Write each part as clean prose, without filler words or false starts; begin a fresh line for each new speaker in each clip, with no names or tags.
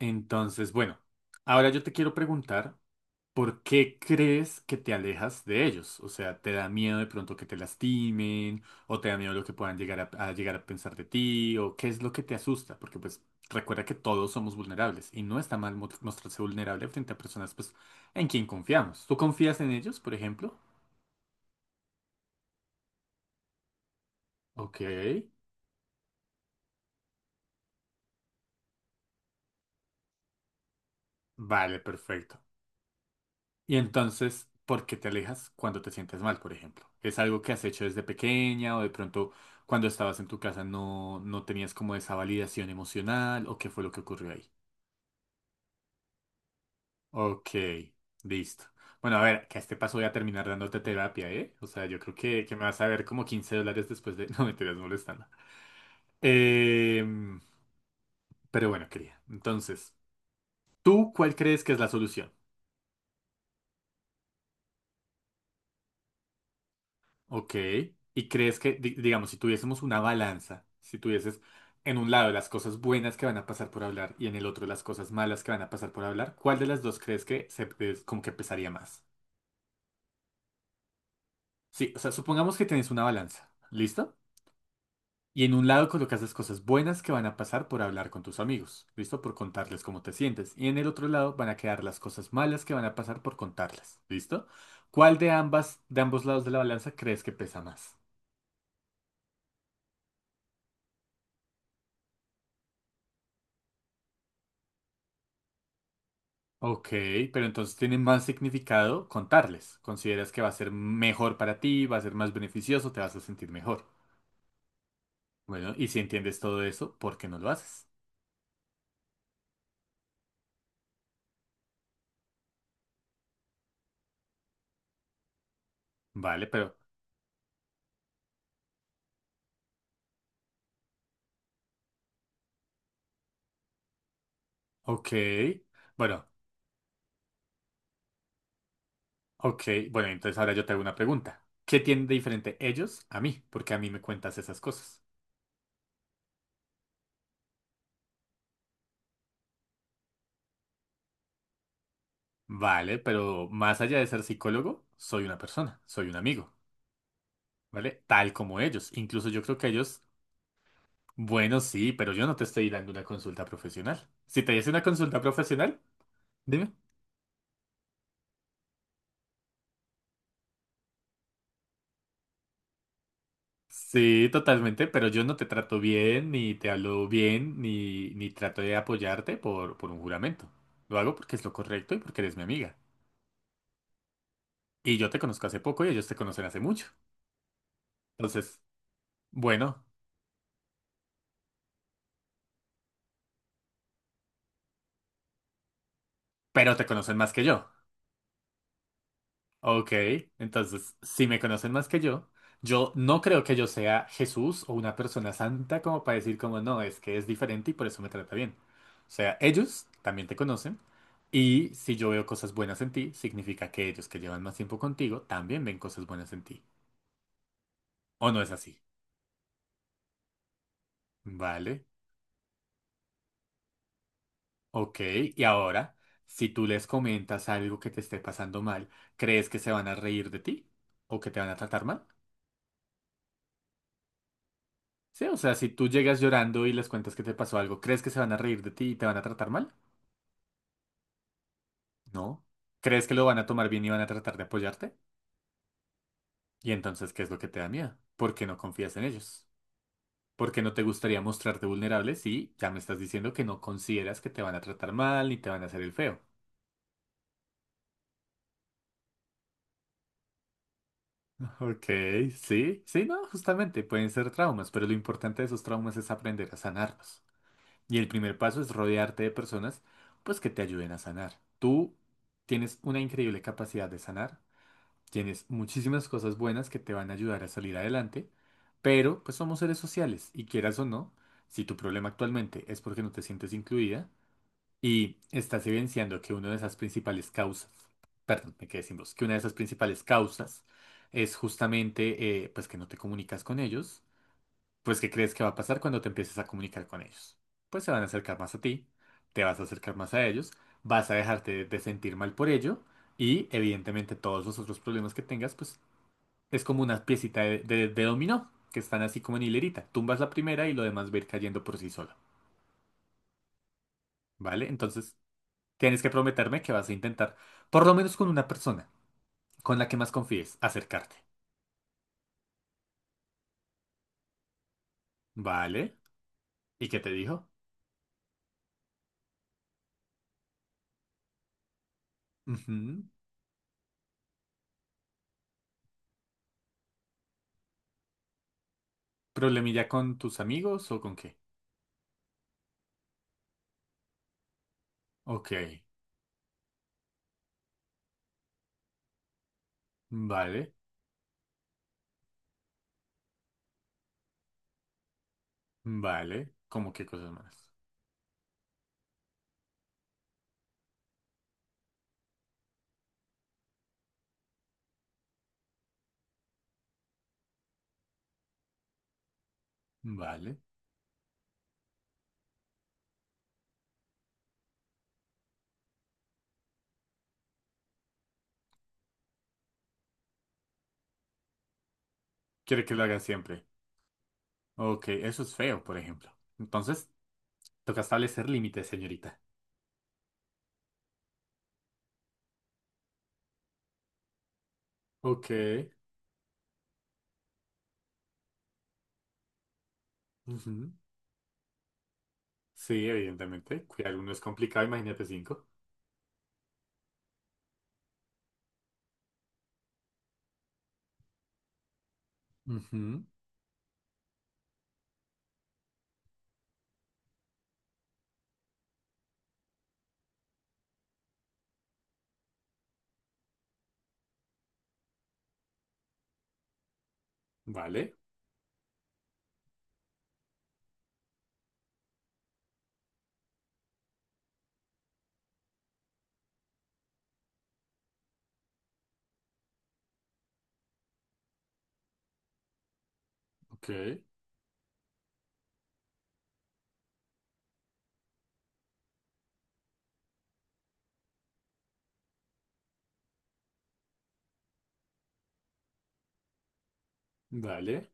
Entonces, bueno, ahora yo te quiero preguntar, ¿por qué crees que te alejas de ellos? O sea, ¿te da miedo de pronto que te lastimen? ¿O te da miedo lo que puedan llegar a llegar a pensar de ti? ¿O qué es lo que te asusta? Porque pues recuerda que todos somos vulnerables y no está mal mostrarse vulnerable frente a personas pues en quien confiamos. ¿Tú confías en ellos, por ejemplo? Ok, vale, perfecto. Y entonces, ¿por qué te alejas cuando te sientes mal, por ejemplo? ¿Es algo que has hecho desde pequeña o de pronto cuando estabas en tu casa no tenías como esa validación emocional o qué fue lo que ocurrió ahí? Ok, listo. Bueno, a ver, que a este paso voy a terminar dándote terapia, ¿eh? O sea, yo creo que me vas a ver como $15 después de... No, me estás molestando. Em, pero bueno, querida. Entonces, ¿tú cuál crees que es la solución? Ok. ¿Y crees que, digamos, si tuviésemos una balanza, si tuvieses en un lado las cosas buenas que van a pasar por hablar y en el otro las cosas malas que van a pasar por hablar, ¿cuál de las dos crees que se, es como que pesaría más? Sí, o sea, supongamos que tenés una balanza, ¿listo? Y en un lado colocas las cosas buenas que van a pasar por hablar con tus amigos, ¿listo? Por contarles cómo te sientes. Y en el otro lado van a quedar las cosas malas que van a pasar por contarlas, ¿listo? ¿Cuál de ambas, de ambos lados de la balanza crees que pesa más? Ok, pero entonces tiene más significado contarles. Consideras que va a ser mejor para ti, va a ser más beneficioso, te vas a sentir mejor. Bueno, y si entiendes todo eso, ¿por qué no lo haces? Vale, pero, ok, bueno, ok, bueno, entonces ahora yo te hago una pregunta. ¿Qué tienen de diferente ellos a mí? Porque a mí me cuentas esas cosas. Vale, pero más allá de ser psicólogo, soy una persona, soy un amigo, ¿vale? Tal como ellos. Incluso yo creo que ellos. Bueno, sí, pero yo no te estoy dando una consulta profesional. Si te hice una consulta profesional, dime. Sí, totalmente, pero yo no te trato bien, ni te hablo bien, ni trato de apoyarte por un juramento. Lo hago porque es lo correcto y porque eres mi amiga. Y yo te conozco hace poco y ellos te conocen hace mucho. Entonces, bueno, pero te conocen más que yo. Ok, entonces, si me conocen más que yo no creo que yo sea Jesús o una persona santa como para decir como no, es que es diferente y por eso me trata bien. O sea, ellos también te conocen y si yo veo cosas buenas en ti, significa que ellos que llevan más tiempo contigo también ven cosas buenas en ti. ¿O no es así? Vale, ok, y ahora, si tú les comentas algo que te esté pasando mal, ¿crees que se van a reír de ti? ¿O que te van a tratar mal? Sí, o sea, si tú llegas llorando y les cuentas que te pasó algo, ¿crees que se van a reír de ti y te van a tratar mal? No. ¿Crees que lo van a tomar bien y van a tratar de apoyarte? Y entonces, ¿qué es lo que te da miedo? ¿Por qué no confías en ellos? ¿Por qué no te gustaría mostrarte vulnerable si ya me estás diciendo que no consideras que te van a tratar mal ni te van a hacer el feo? Ok, sí, sí, no, justamente pueden ser traumas, pero lo importante de esos traumas es aprender a sanarlos. Y el primer paso es rodearte de personas, pues que te ayuden a sanar. Tú tienes una increíble capacidad de sanar. Tienes muchísimas cosas buenas que te van a ayudar a salir adelante, pero pues somos seres sociales y quieras o no, si tu problema actualmente es porque no te sientes incluida y estás evidenciando que una de esas principales causas, perdón, me quedé sin voz, que una de esas principales causas es justamente pues que no te comunicas con ellos, pues ¿qué crees que va a pasar cuando te empieces a comunicar con ellos? Pues se van a acercar más a ti, te vas a acercar más a ellos, vas a dejarte de sentir mal por ello. Y evidentemente todos los otros problemas que tengas, pues es como una piecita de, de dominó, que están así como en hilerita. Tumbas la primera y lo demás va a ir cayendo por sí solo, ¿vale? Entonces, tienes que prometerme que vas a intentar, por lo menos con una persona, con la que más confíes, acercarte, ¿vale? ¿Y qué te dijo? Ujú. ¿Problemilla con tus amigos o con qué? Ok, vale, vale. ¿Cómo qué cosas más? Vale. Quiere que lo haga siempre. Ok, eso es feo, por ejemplo. Entonces, toca establecer límites, señorita. Ok. Ujú. Sí, evidentemente. Cuidar uno es complicado, imagínate cinco. Ujú. Vale, ok. Vale,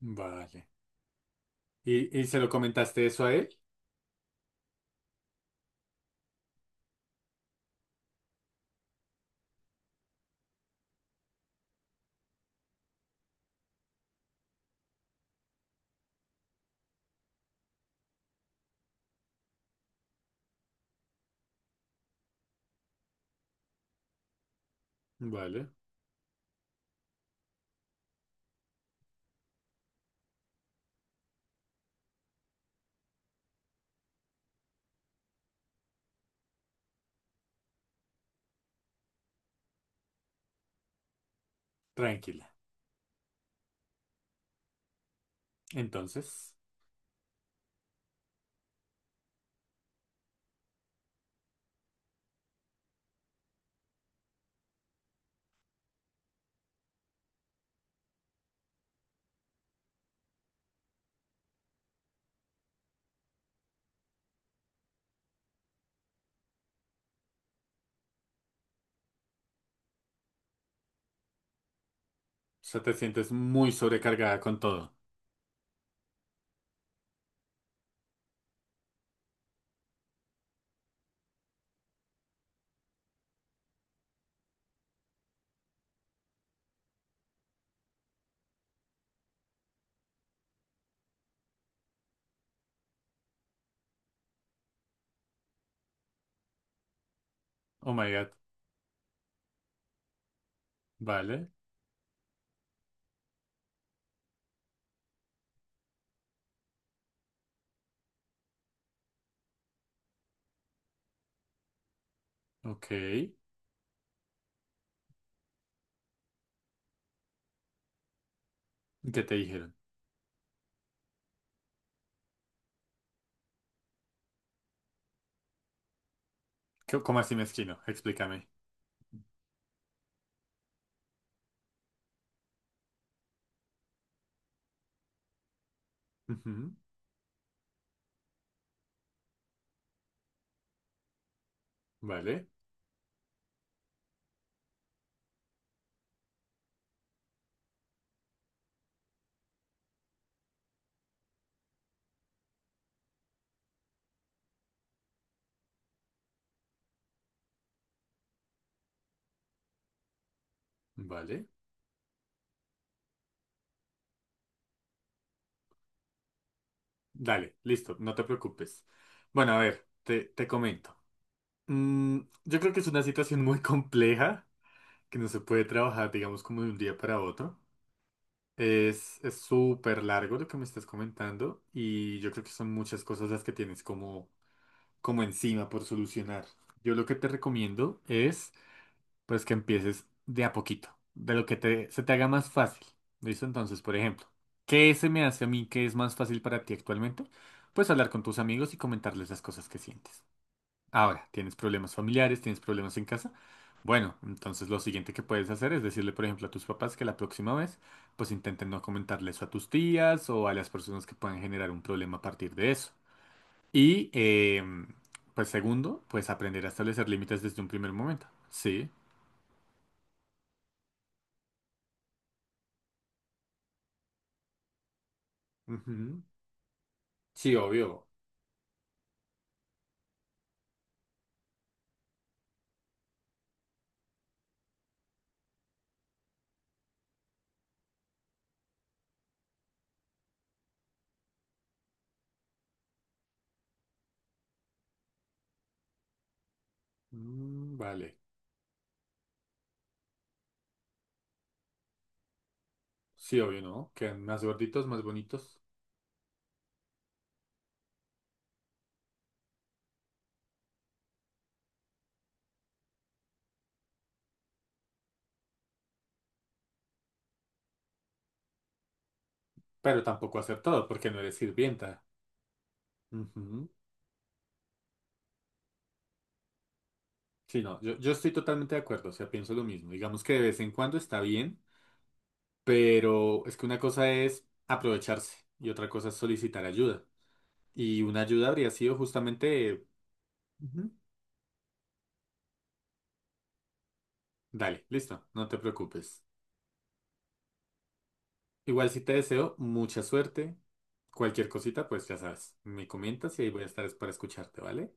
vale. ¿Y se lo comentaste eso a él? Vale, tranquila. Entonces, o sea, te sientes muy sobrecargada con todo. Oh my God. Vale, ok. ¿Y ¿Qué te dijeron? ¿Qué- ¿Cómo así mezquino? Explícame. Ujú. Vale, vale. Dale, listo, no te preocupes. Bueno, a ver, te comento. Mm, yo creo que es una situación muy compleja, que no se puede trabajar, digamos, como de un día para otro. Es súper largo lo que me estás comentando y yo creo que son muchas cosas las que tienes como, como encima por solucionar. Yo lo que te recomiendo es, pues, que empieces de a poquito, de lo que te, se te haga más fácil. ¿Listo? Entonces, por ejemplo, ¿qué se me hace a mí que es más fácil para ti actualmente? Pues hablar con tus amigos y comentarles las cosas que sientes. Ahora, tienes problemas familiares, tienes problemas en casa. Bueno, entonces lo siguiente que puedes hacer es decirle, por ejemplo, a tus papás que la próxima vez, pues intenten no comentarle eso a tus tías o a las personas que puedan generar un problema a partir de eso. Y, pues segundo, pues aprender a establecer límites desde un primer momento. Sí. Ujú. Sí, obvio. Mm, vale. Sí, obvio, ¿no? Quedan más gorditos, más bonitos. Pero tampoco hacer todo porque no eres sirvienta. Ujú. Sí, no, yo estoy totalmente de acuerdo, o sea, pienso lo mismo. Digamos que de vez en cuando está bien, pero es que una cosa es aprovecharse y otra cosa es solicitar ayuda. Y una ayuda habría sido justamente... Ujú, dale, listo, no te preocupes. Igual si te deseo mucha suerte, cualquier cosita, pues ya sabes, me comentas y ahí voy a estar es para escucharte, ¿vale?